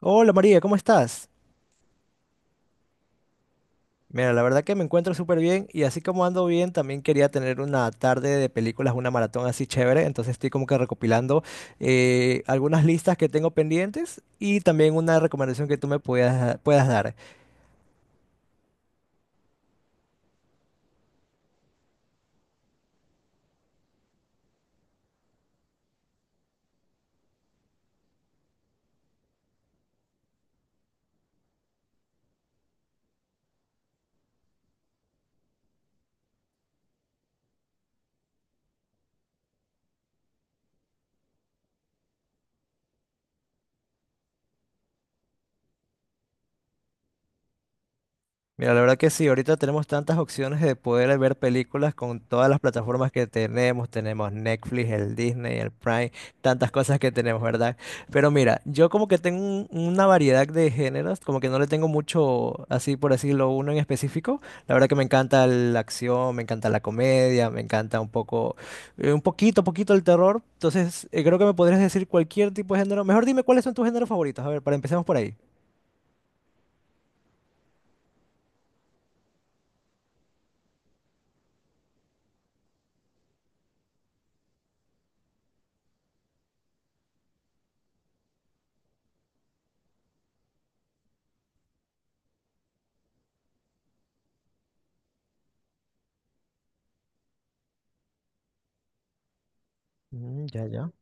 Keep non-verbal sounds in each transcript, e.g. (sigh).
Hola María, ¿cómo estás? Mira, la verdad que me encuentro súper bien y así como ando bien, también quería tener una tarde de películas, una maratón así chévere, entonces estoy como que recopilando algunas listas que tengo pendientes y también una recomendación que tú me puedas dar. Mira, la verdad que sí, ahorita tenemos tantas opciones de poder ver películas con todas las plataformas que tenemos. Tenemos Netflix, el Disney, el Prime, tantas cosas que tenemos, ¿verdad? Pero mira, yo como que tengo una variedad de géneros, como que no le tengo mucho, así por decirlo, uno en específico. La verdad que me encanta la acción, me encanta la comedia, me encanta un poco, un poquito el terror. Entonces, creo que me podrías decir cualquier tipo de género. Mejor dime cuáles son tus géneros favoritos. A ver, para empezamos por ahí. Mm, ya.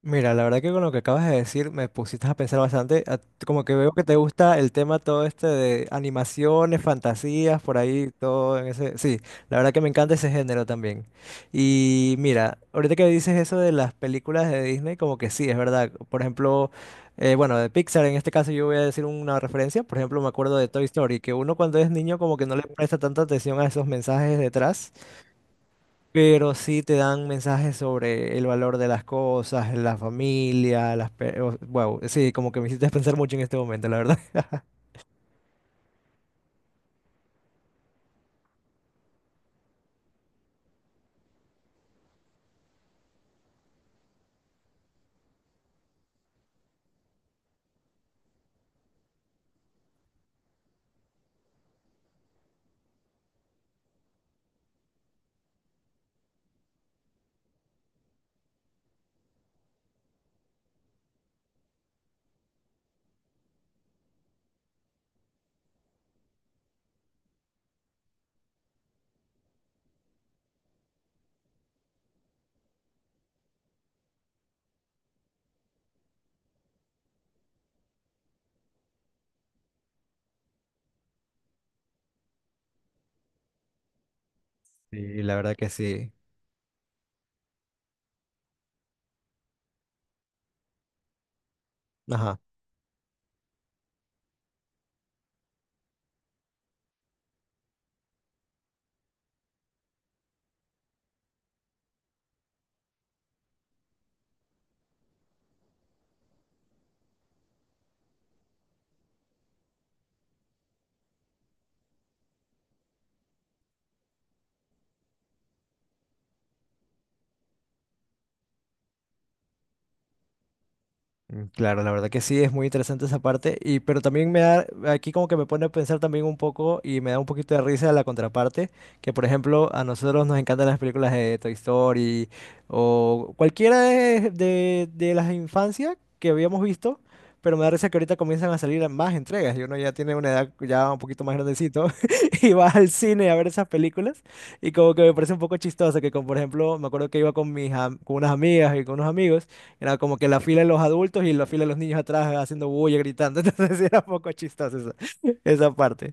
Mira, la verdad que con lo que acabas de decir me pusiste a pensar bastante, como que veo que te gusta el tema todo este de animaciones, fantasías, por ahí, todo en ese... Sí, la verdad que me encanta ese género también. Y mira, ahorita que dices eso de las películas de Disney, como que sí, es verdad. Por ejemplo, bueno, de Pixar en este caso yo voy a decir una referencia, por ejemplo, me acuerdo de Toy Story, que uno cuando es niño como que no le presta tanta atención a esos mensajes detrás. Pero sí te dan mensajes sobre el valor de las cosas, la familia, wow, sí, como que me hiciste (laughs) pensar mucho en este momento, la verdad. (laughs) Sí, la verdad que sí. Ajá. Mm, claro, la verdad que sí, es muy interesante esa parte, y, pero también me da, aquí como que me pone a pensar también un poco y me da un poquito de risa la contraparte, que por ejemplo a nosotros nos encantan las películas de Toy Story o cualquiera de las infancias que habíamos visto, pero me da risa que ahorita comienzan a salir más entregas y uno ya tiene una edad ya un poquito más grandecito (laughs) y va al cine a ver esas películas y como que me parece un poco chistoso que como por ejemplo me acuerdo que iba con unas amigas y con unos amigos. Era como que la fila de los adultos y la fila de los niños atrás haciendo bulla, gritando. (laughs) Entonces sí era un poco chistoso esa parte.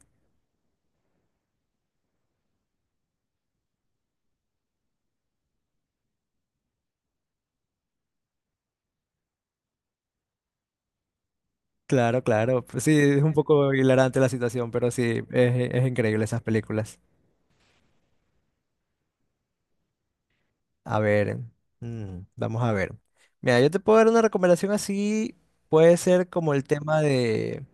Claro, claro. Pues sí, es un poco hilarante la situación, pero sí, es increíble esas películas. A ver, mm, vamos a ver. Mira, yo te puedo dar una recomendación así. Puede ser como el tema de...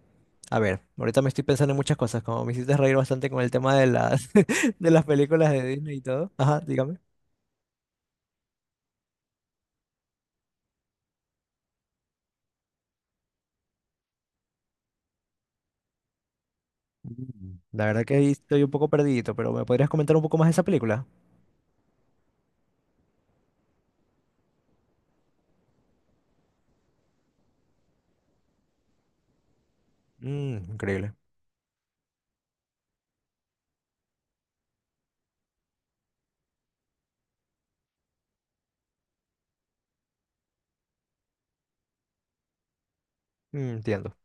A ver, ahorita me estoy pensando en muchas cosas, como me hiciste reír bastante con el tema de las, (laughs) de las películas de Disney y todo. Ajá, dígame. Mm, la verdad que ahí estoy un poco perdido, pero ¿me podrías comentar un poco más de esa película? Mm, increíble. Mm, entiendo.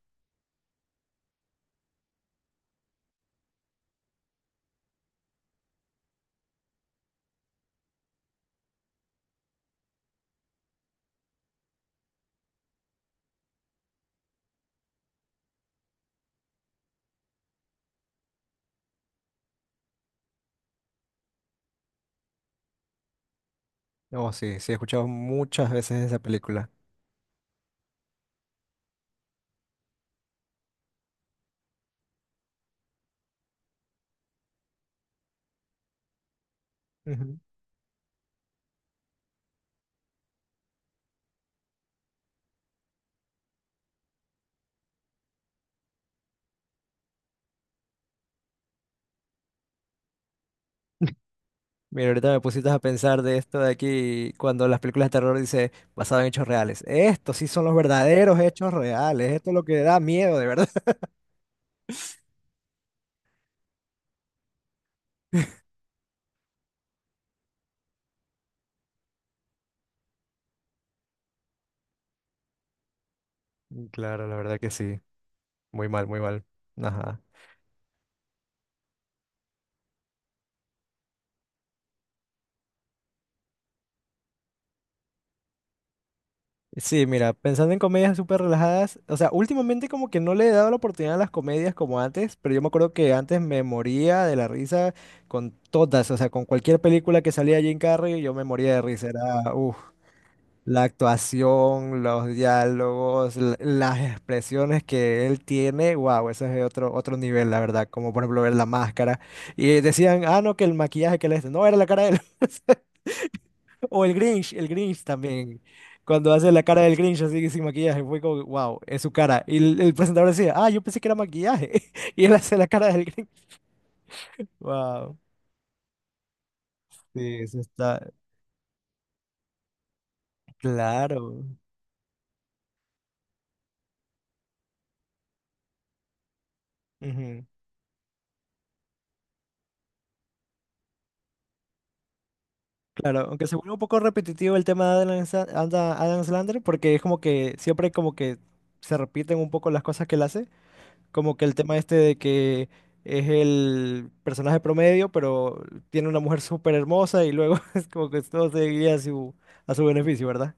Oh, sí, sí, he escuchado muchas veces esa película. Ujú. (laughs) Mira, ahorita me pusiste a pensar de esto de aquí, cuando las películas de terror dice basado en hechos reales. Estos sí son los verdaderos hechos reales. Esto es lo que da miedo, de verdad. (laughs) Mm, claro, la verdad que sí. Muy mal, muy mal. Ajá. Sí, mira, pensando en comedias súper relajadas, o sea, últimamente como que no le he dado la oportunidad a las comedias como antes, pero yo me acuerdo que antes me moría de la risa con todas, o sea, con cualquier película que salía Jim Carrey, yo me moría de risa, era, uff, la actuación, los diálogos, las expresiones que él tiene, wow, ese es otro nivel, la verdad, como por ejemplo ver la máscara, y decían, ah, no, que el maquillaje que le... hace, no, era la cara de él. (laughs) O el Grinch también. Cuando hace la cara del Grinch así sin maquillaje, fue como, wow, es su cara. Y el presentador decía, ah, yo pensé que era maquillaje. (laughs) Y él hace la cara del Grinch. Wow. Sí, eso está claro. Ujú, claro, aunque se vuelve un poco repetitivo el tema de Adam Sandler, porque es como que siempre como que se repiten un poco las cosas que él hace, como que el tema este de que es el personaje promedio, pero tiene una mujer (laughs) súper hermosa y luego (laughs) es como que todo se guía a a su beneficio, ¿verdad?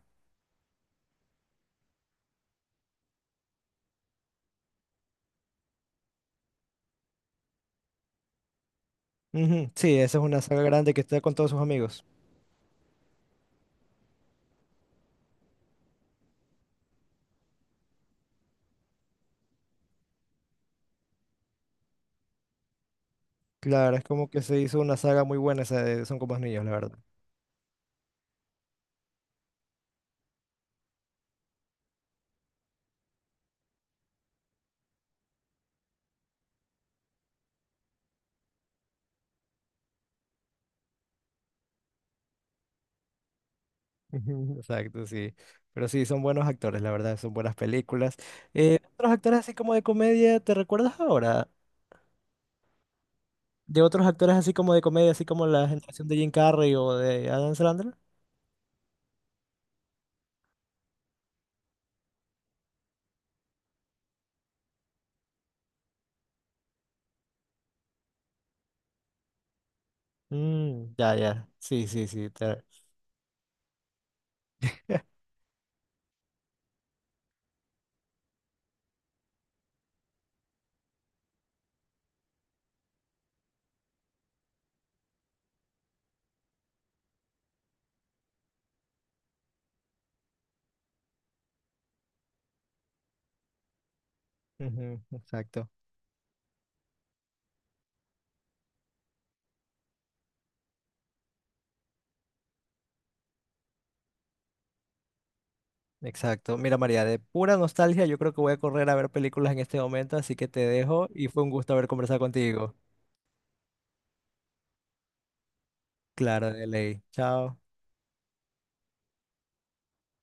Ujú, sí, esa es una saga grande que está con todos sus amigos. Claro, es como que se hizo una saga muy buena esa de Son como niños, la verdad. Ujú, exacto, sí. Pero sí, son buenos actores, la verdad, son buenas películas. Otros actores así como de comedia, ¿te recuerdas ahora? De otros actores así como de comedia, así como la generación de Jim Carrey o de Adam Sandler. Mm, ya, ya. Sí, sí, sí. te- (laughs) Ujú, exacto, exacto. Mira, María, de pura nostalgia, yo creo que voy a correr a ver películas en este momento, así que te dejo y fue un gusto haber conversado contigo. Claro, de ley. Chao.